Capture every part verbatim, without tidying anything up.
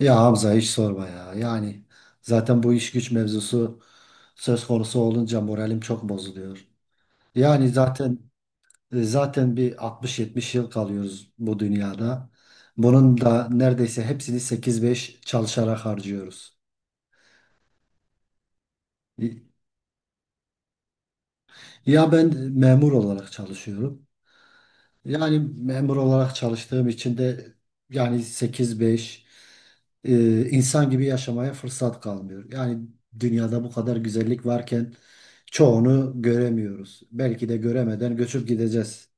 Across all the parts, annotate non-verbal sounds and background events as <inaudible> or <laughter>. Ya Hamza hiç sorma ya. Yani zaten bu iş güç mevzusu söz konusu olunca moralim çok bozuluyor. Yani zaten e, zaten bir altmış yetmiş yıl kalıyoruz bu dünyada. Bunun da neredeyse hepsini sekiz beş çalışarak harcıyoruz. Ya ben memur olarak çalışıyorum. Yani memur olarak çalıştığım için de yani sekiz beş e, insan gibi yaşamaya fırsat kalmıyor. Yani dünyada bu kadar güzellik varken çoğunu göremiyoruz. Belki de göremeden göçüp gideceğiz.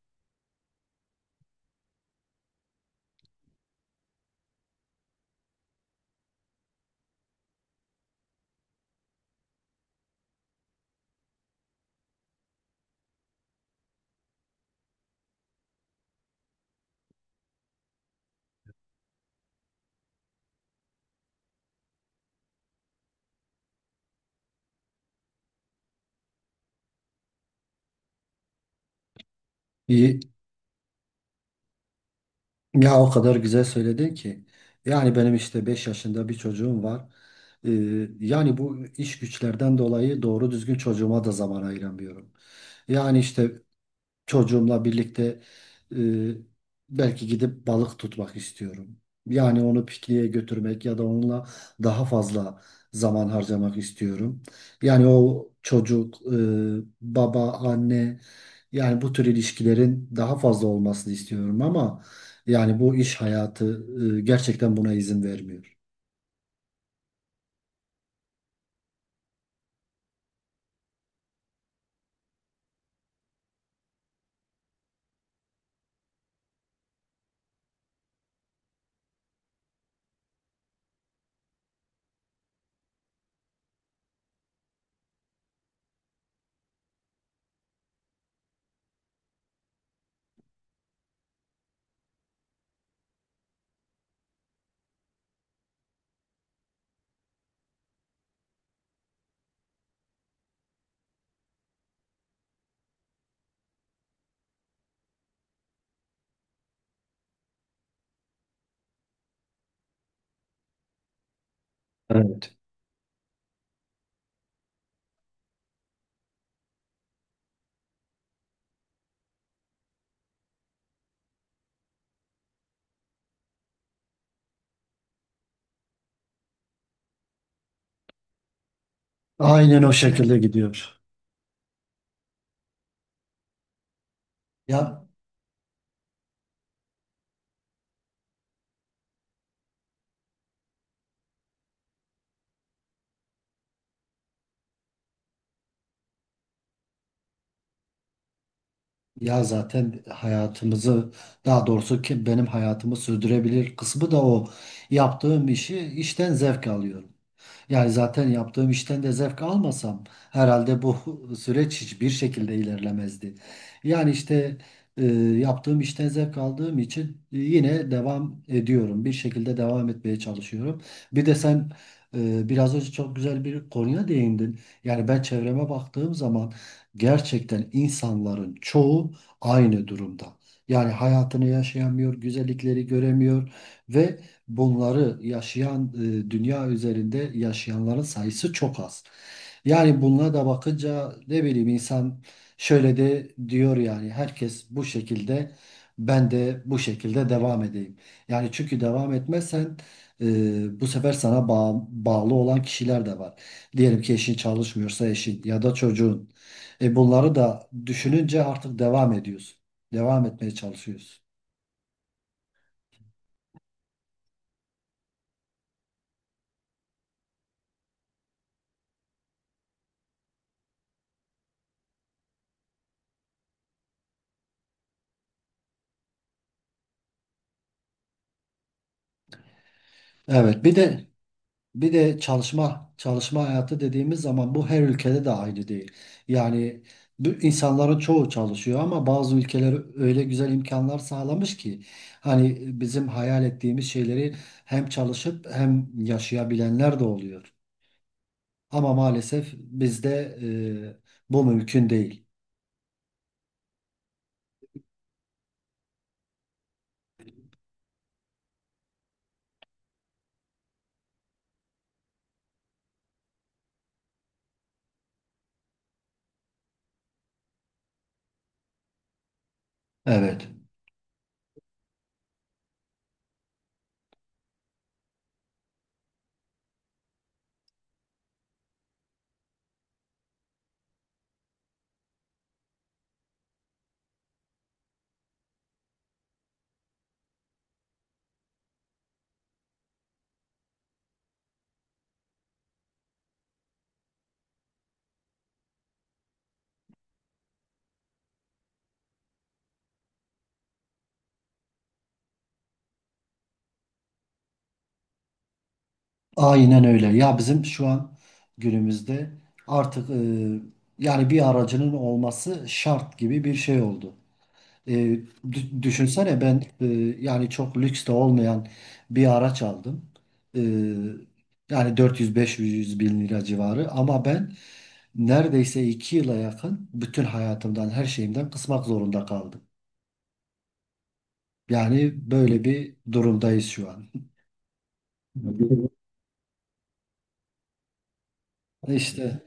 İyi. Ya o kadar güzel söyledin ki. Yani benim işte beş yaşında bir çocuğum var. E, Yani bu iş güçlerden dolayı doğru düzgün çocuğuma da zaman ayıramıyorum. Yani işte çocuğumla birlikte e, belki gidip balık tutmak istiyorum. Yani onu pikniğe götürmek ya da onunla daha fazla zaman harcamak istiyorum. Yani o çocuk, e, baba, anne yani bu tür ilişkilerin daha fazla olmasını istiyorum ama yani bu iş hayatı e, gerçekten buna izin vermiyor. Evet. Aynen o şekilde gidiyor. Ya Ya zaten hayatımızı daha doğrusu ki benim hayatımı sürdürebilir kısmı da o yaptığım işi işten zevk alıyorum. Yani zaten yaptığım işten de zevk almasam herhalde bu <laughs> süreç hiçbir şekilde ilerlemezdi. Yani işte e, yaptığım işten zevk aldığım için e, yine devam ediyorum. Bir şekilde devam etmeye çalışıyorum. Bir de sen e, biraz önce çok güzel bir konuya değindin. Yani ben çevreme baktığım zaman gerçekten insanların çoğu aynı durumda. Yani hayatını yaşayamıyor, güzellikleri göremiyor ve bunları yaşayan e, dünya üzerinde yaşayanların sayısı çok az. Yani bunlara da bakınca ne bileyim insan şöyle de diyor yani herkes bu şekilde ben de bu şekilde devam edeyim. Yani çünkü devam etmezsen e, bu sefer sana bağ- bağlı olan kişiler de var. Diyelim ki eşin çalışmıyorsa eşin ya da çocuğun. E, bunları da düşününce artık devam ediyorsun. Devam etmeye çalışıyorsun. Evet bir de Bir de çalışma çalışma hayatı dediğimiz zaman bu her ülkede de aynı değil. Yani bu insanların çoğu çalışıyor ama bazı ülkeler öyle güzel imkanlar sağlamış ki hani bizim hayal ettiğimiz şeyleri hem çalışıp hem yaşayabilenler de oluyor. Ama maalesef bizde e, bu mümkün değil. Evet. Aynen öyle. Ya bizim şu an günümüzde artık e, yani bir aracının olması şart gibi bir şey oldu. E, dü- Düşünsene ben e, yani çok lüks de olmayan bir araç aldım. E, Yani dört yüz beş yüz bin lira civarı ama ben neredeyse iki yıla yakın bütün hayatımdan her şeyimden kısmak zorunda kaldım. Yani böyle bir durumdayız şu an. İşte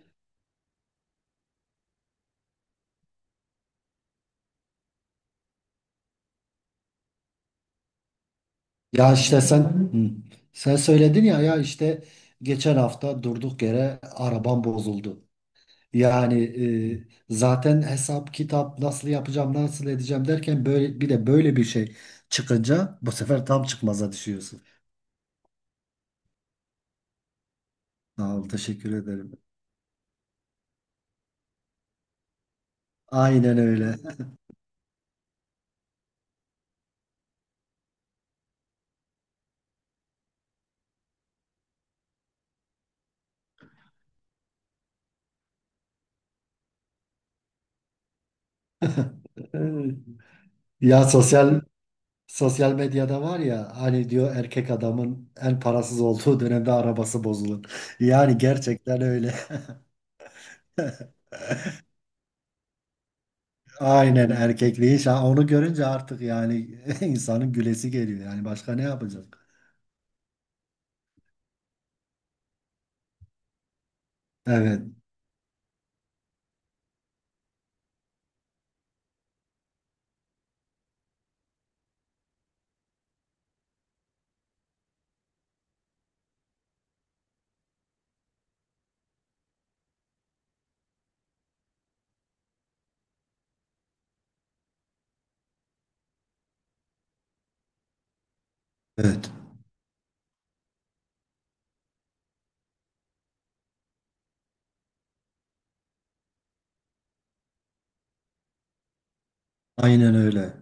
ya işte sen hı. sen söyledin ya ya işte geçen hafta durduk yere arabam bozuldu. Yani e, zaten hesap kitap nasıl yapacağım nasıl edeceğim derken böyle bir de böyle bir şey çıkınca bu sefer tam çıkmaza düşüyorsun. Sağ ol, teşekkür ederim. Aynen öyle. <laughs> Ya sosyal sosyal medyada var ya hani diyor erkek adamın en parasız olduğu dönemde arabası bozulur. Yani gerçekten öyle. <laughs> Aynen erkekliği. Şa- onu görünce artık yani <laughs> insanın gülesi geliyor. Yani başka ne yapacak? Evet. Evet. Aynen öyle.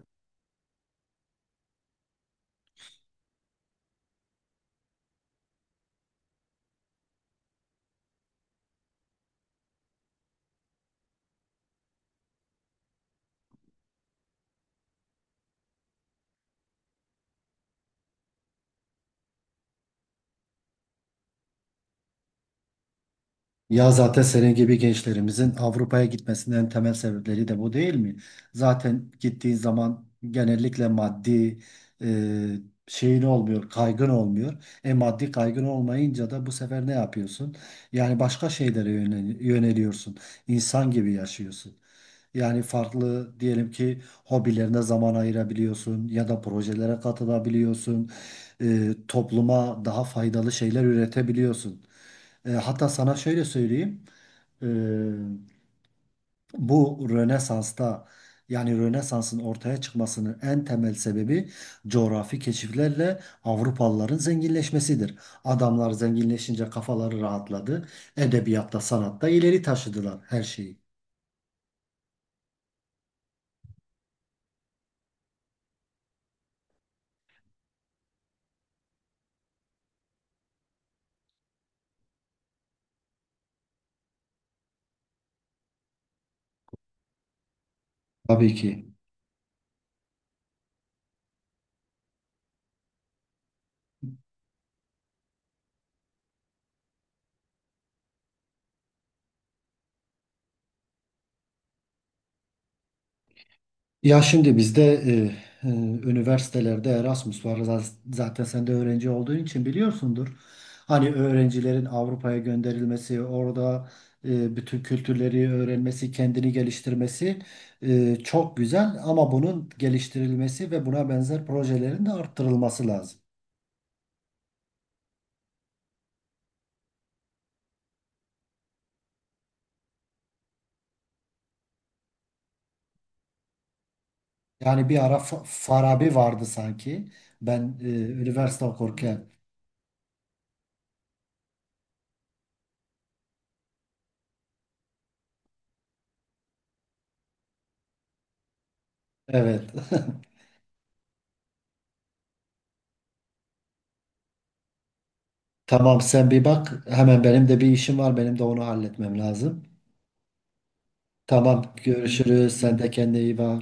Ya zaten senin gibi gençlerimizin Avrupa'ya gitmesinin en temel sebepleri de bu değil mi? Zaten gittiğin zaman genellikle maddi e, şeyin olmuyor, kaygın olmuyor. E maddi kaygın olmayınca da bu sefer ne yapıyorsun? Yani başka şeylere yönel- yöneliyorsun. İnsan gibi yaşıyorsun. Yani farklı diyelim ki hobilerine zaman ayırabiliyorsun ya da projelere katılabiliyorsun. E, topluma daha faydalı şeyler üretebiliyorsun. E, hatta sana şöyle söyleyeyim. E, Bu Rönesans'ta yani Rönesans'ın ortaya çıkmasının en temel sebebi coğrafi keşiflerle Avrupalıların zenginleşmesidir. Adamlar zenginleşince kafaları rahatladı. Edebiyatta, sanatta ileri taşıdılar her şeyi. Tabii ki. Ya şimdi bizde e, e, üniversitelerde Erasmus var. Zaz- Zaten sen de öğrenci olduğun için biliyorsundur. Hani öğrencilerin Avrupa'ya gönderilmesi, orada e, bütün kültürleri öğrenmesi, kendini geliştirmesi e, çok güzel. Ama bunun geliştirilmesi ve buna benzer projelerin de arttırılması lazım. Yani bir ara Fa- Farabi vardı sanki. Ben e, üniversite okurken. Evet. <laughs> Tamam sen bir bak. Hemen benim de bir işim var. Benim de onu halletmem lazım. Tamam görüşürüz. Sen de kendine iyi bak.